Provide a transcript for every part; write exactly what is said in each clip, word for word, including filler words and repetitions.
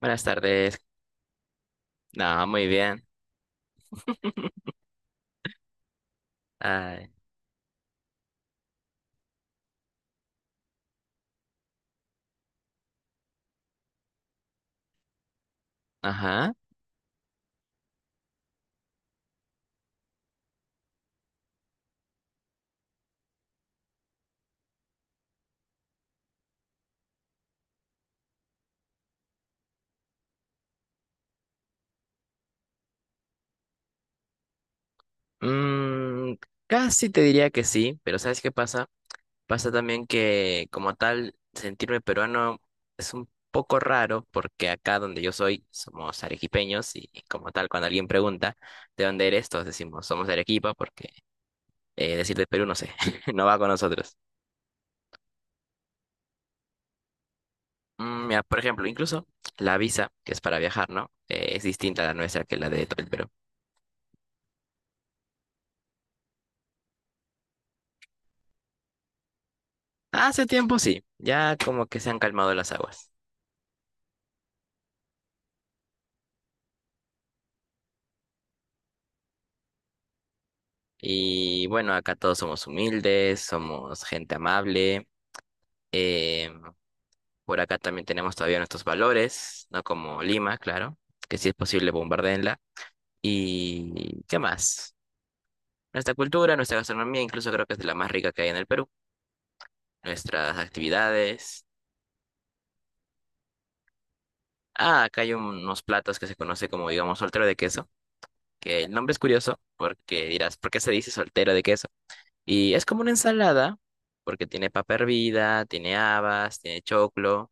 Buenas tardes. No, muy bien. Ay, ajá. Mm, Casi te diría que sí, pero ¿sabes qué pasa? Pasa también que como tal sentirme peruano es un poco raro porque acá donde yo soy somos arequipeños y como tal cuando alguien pregunta ¿de dónde eres? Todos decimos somos de Arequipa porque eh, decir de Perú no sé, no va con nosotros. Mm, mira, por ejemplo, incluso la visa que es para viajar, ¿no? Eh, es distinta a la nuestra que la de todo el Perú. Hace tiempo sí, ya como que se han calmado las aguas. Y bueno, acá todos somos humildes, somos gente amable. eh, por acá también tenemos todavía nuestros valores, no como Lima, claro, que si es posible bombardeenla. ¿Y qué más? Nuestra cultura, nuestra gastronomía, incluso creo que es de la más rica que hay en el Perú. Nuestras actividades. Ah, acá hay unos platos que se conoce como, digamos, soltero de queso, que el nombre es curioso porque dirás, ¿por qué se dice soltero de queso? Y es como una ensalada, porque tiene papa hervida, tiene habas, tiene choclo,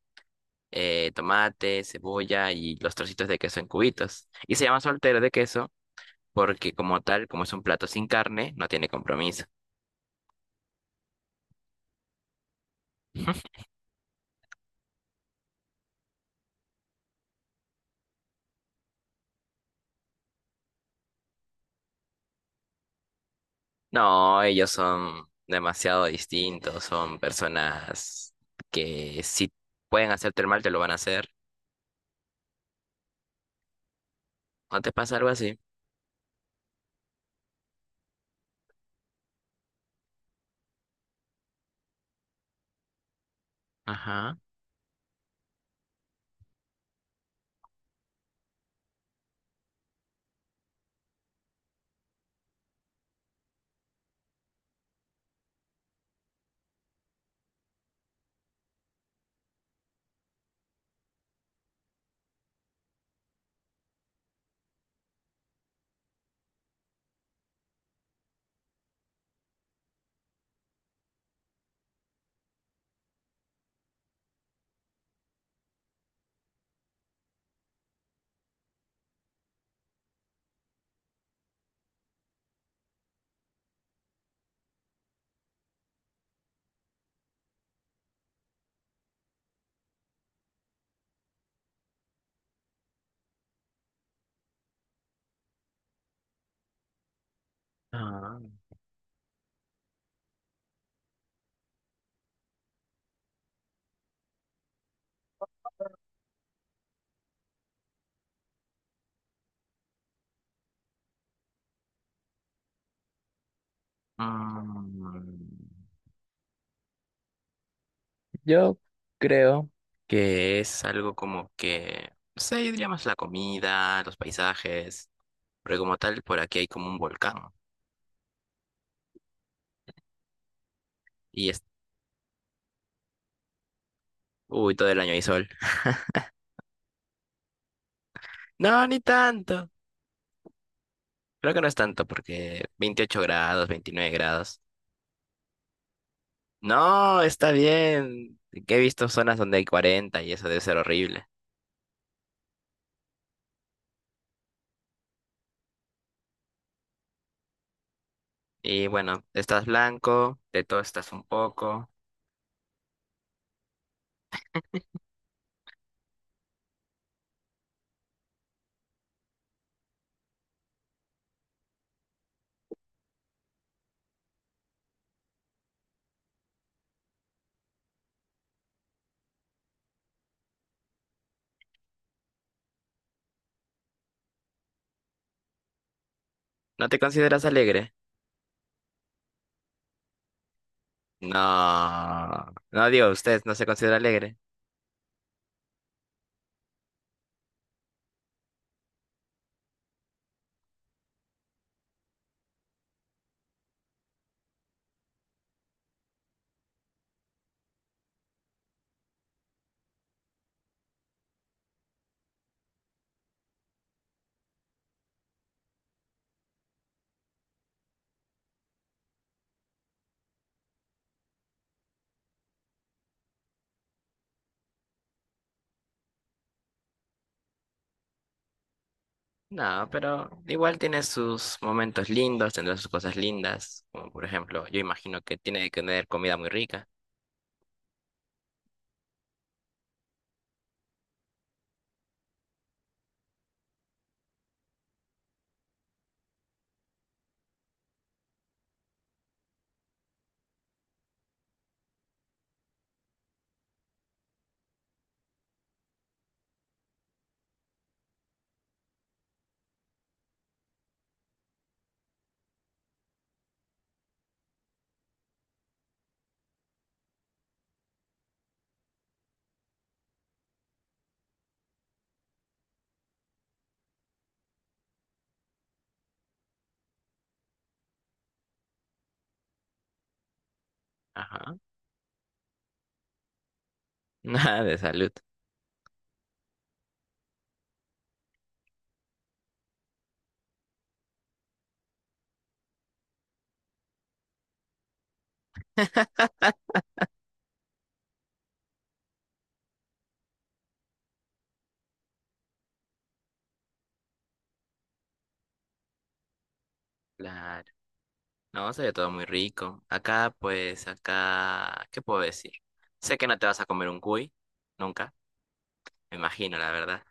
eh, tomate, cebolla y los trocitos de queso en cubitos. Y se llama soltero de queso porque como tal, como es un plato sin carne, no tiene compromiso. No, ellos son demasiado distintos, son personas que si pueden hacerte el mal, te lo van a hacer. ¿No te pasa algo así? Ajá. Ah. Mm. Yo creo que es algo como que, no sé, yo diría más la comida, los paisajes, porque como tal, por aquí hay como un volcán y es, uy, todo el año hay sol. No, ni tanto. Creo que no es tanto porque veintiocho grados, veintinueve grados. No, está bien. Que he visto zonas donde hay cuarenta y eso debe ser horrible. Y bueno, estás blanco, de todo estás un poco. ¿No te consideras alegre? No, no digo, usted no se considera alegre. No, pero igual tiene sus momentos lindos, tendrá sus cosas lindas, como por ejemplo, yo imagino que tiene que tener comida muy rica. Ajá. Nada de salud. Claro. No, se ve todo muy rico. Acá, pues, acá, ¿qué puedo decir? Sé que no te vas a comer un cuy, nunca, me imagino, la verdad.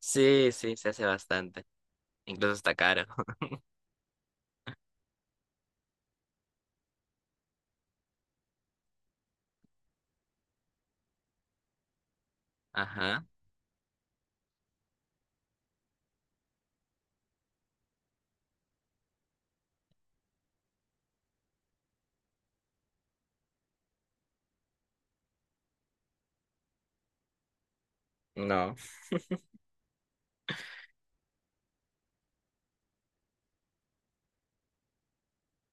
Sí, sí, se hace bastante. Incluso está caro. Ajá. No,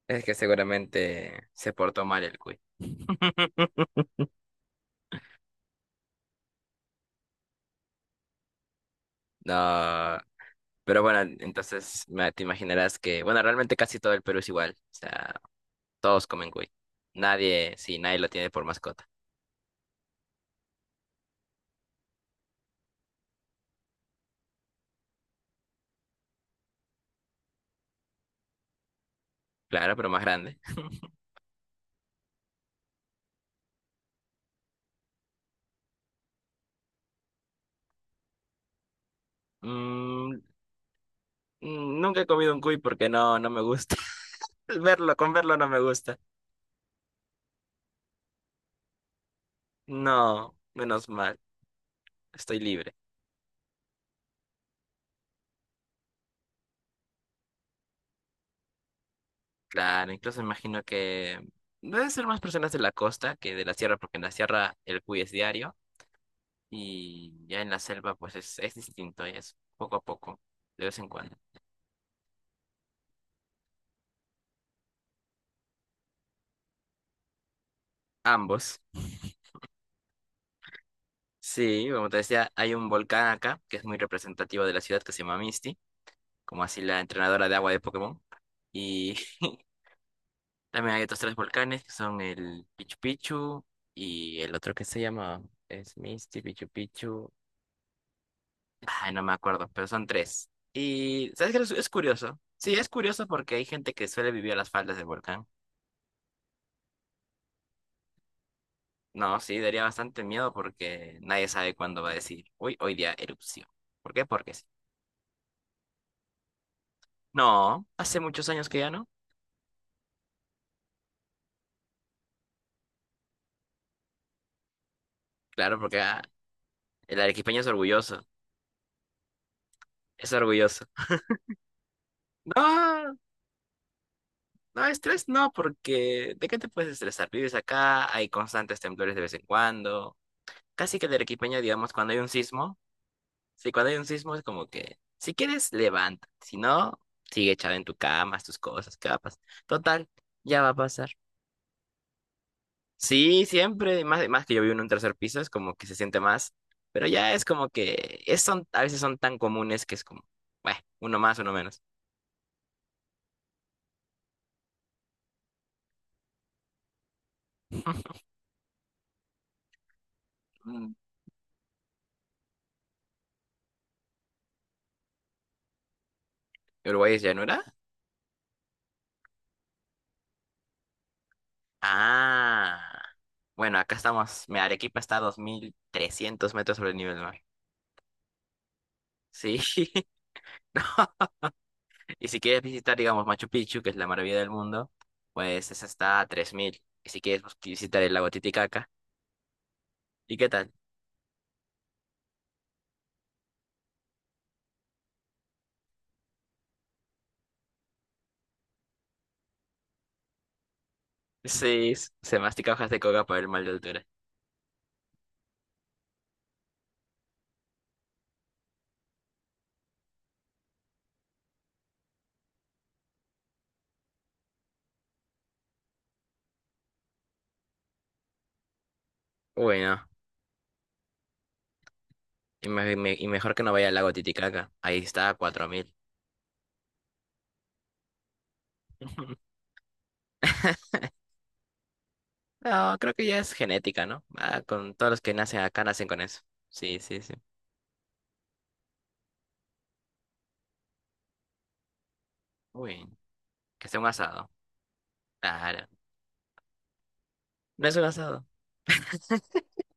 es que seguramente se portó mal el cuy. No. Pero bueno, entonces ma- te imaginarás que, bueno, realmente casi todo el Perú es igual. O sea, todos comen cuy. Nadie, sí, nadie lo tiene por mascota. Claro, pero más grande. Mm, mm, Nunca he comido un cuy porque no, no me gusta. Verlo, con verlo no me gusta. No, menos mal. Estoy libre. Claro, incluso imagino que deben ser más personas de la costa que de la sierra, porque en la sierra el cuy es diario y ya en la selva pues es, es distinto, es poco a poco, de vez en cuando. Ambos. Sí, como te decía, hay un volcán acá que es muy representativo de la ciudad que se llama Misty, como así la entrenadora de agua de Pokémon. Y también hay otros tres volcanes que son el Pichu Pichu y el otro que se llama es Misty, Pichu Pichu. Ay, no me acuerdo, pero son tres. Y ¿sabes qué? Es es curioso. Sí, es curioso porque hay gente que suele vivir a las faldas del volcán. No, sí, daría bastante miedo porque nadie sabe cuándo va a decir, uy, hoy día erupción. ¿Por qué? Porque sí. No, hace muchos años que ya no. Claro, porque ah, el arequipeño es orgulloso. Es orgulloso. No, no, estrés no, porque ¿de qué te puedes estresar? Vives acá, hay constantes temblores de vez en cuando. Casi que el arequipeño, digamos, cuando hay un sismo, sí, cuando hay un sismo es como que, si quieres, levanta. Si no, sigue echado en tu cama, haz tus cosas, capas. Total, ya va a pasar. Sí, siempre, más, más que yo vivo en un tercer piso, es como que se siente más. Pero ya es como que es, son, a veces son tan comunes que es como, bueno, uno más, uno menos. ¿Uruguay es llanura? Ah, bueno, acá estamos. Mi Arequipa está a dos mil trescientos metros sobre el nivel del mar. Sí, no. Y si quieres visitar, digamos, Machu Picchu, que es la maravilla del mundo, pues esa está a tres mil. Y si quieres pues, visitar el lago Titicaca, ¿y qué tal? Sí, s- se mastica hojas de coca por el mal de altura. Bueno, y, me- me- y mejor que no vaya al lago Titicaca. Ahí está a cuatro mil. No, creo que ya es genética, ¿no? Ah, con todos los que nacen acá nacen con eso. Sí, sí, sí. Uy, que sea un asado. Claro, no es un asado.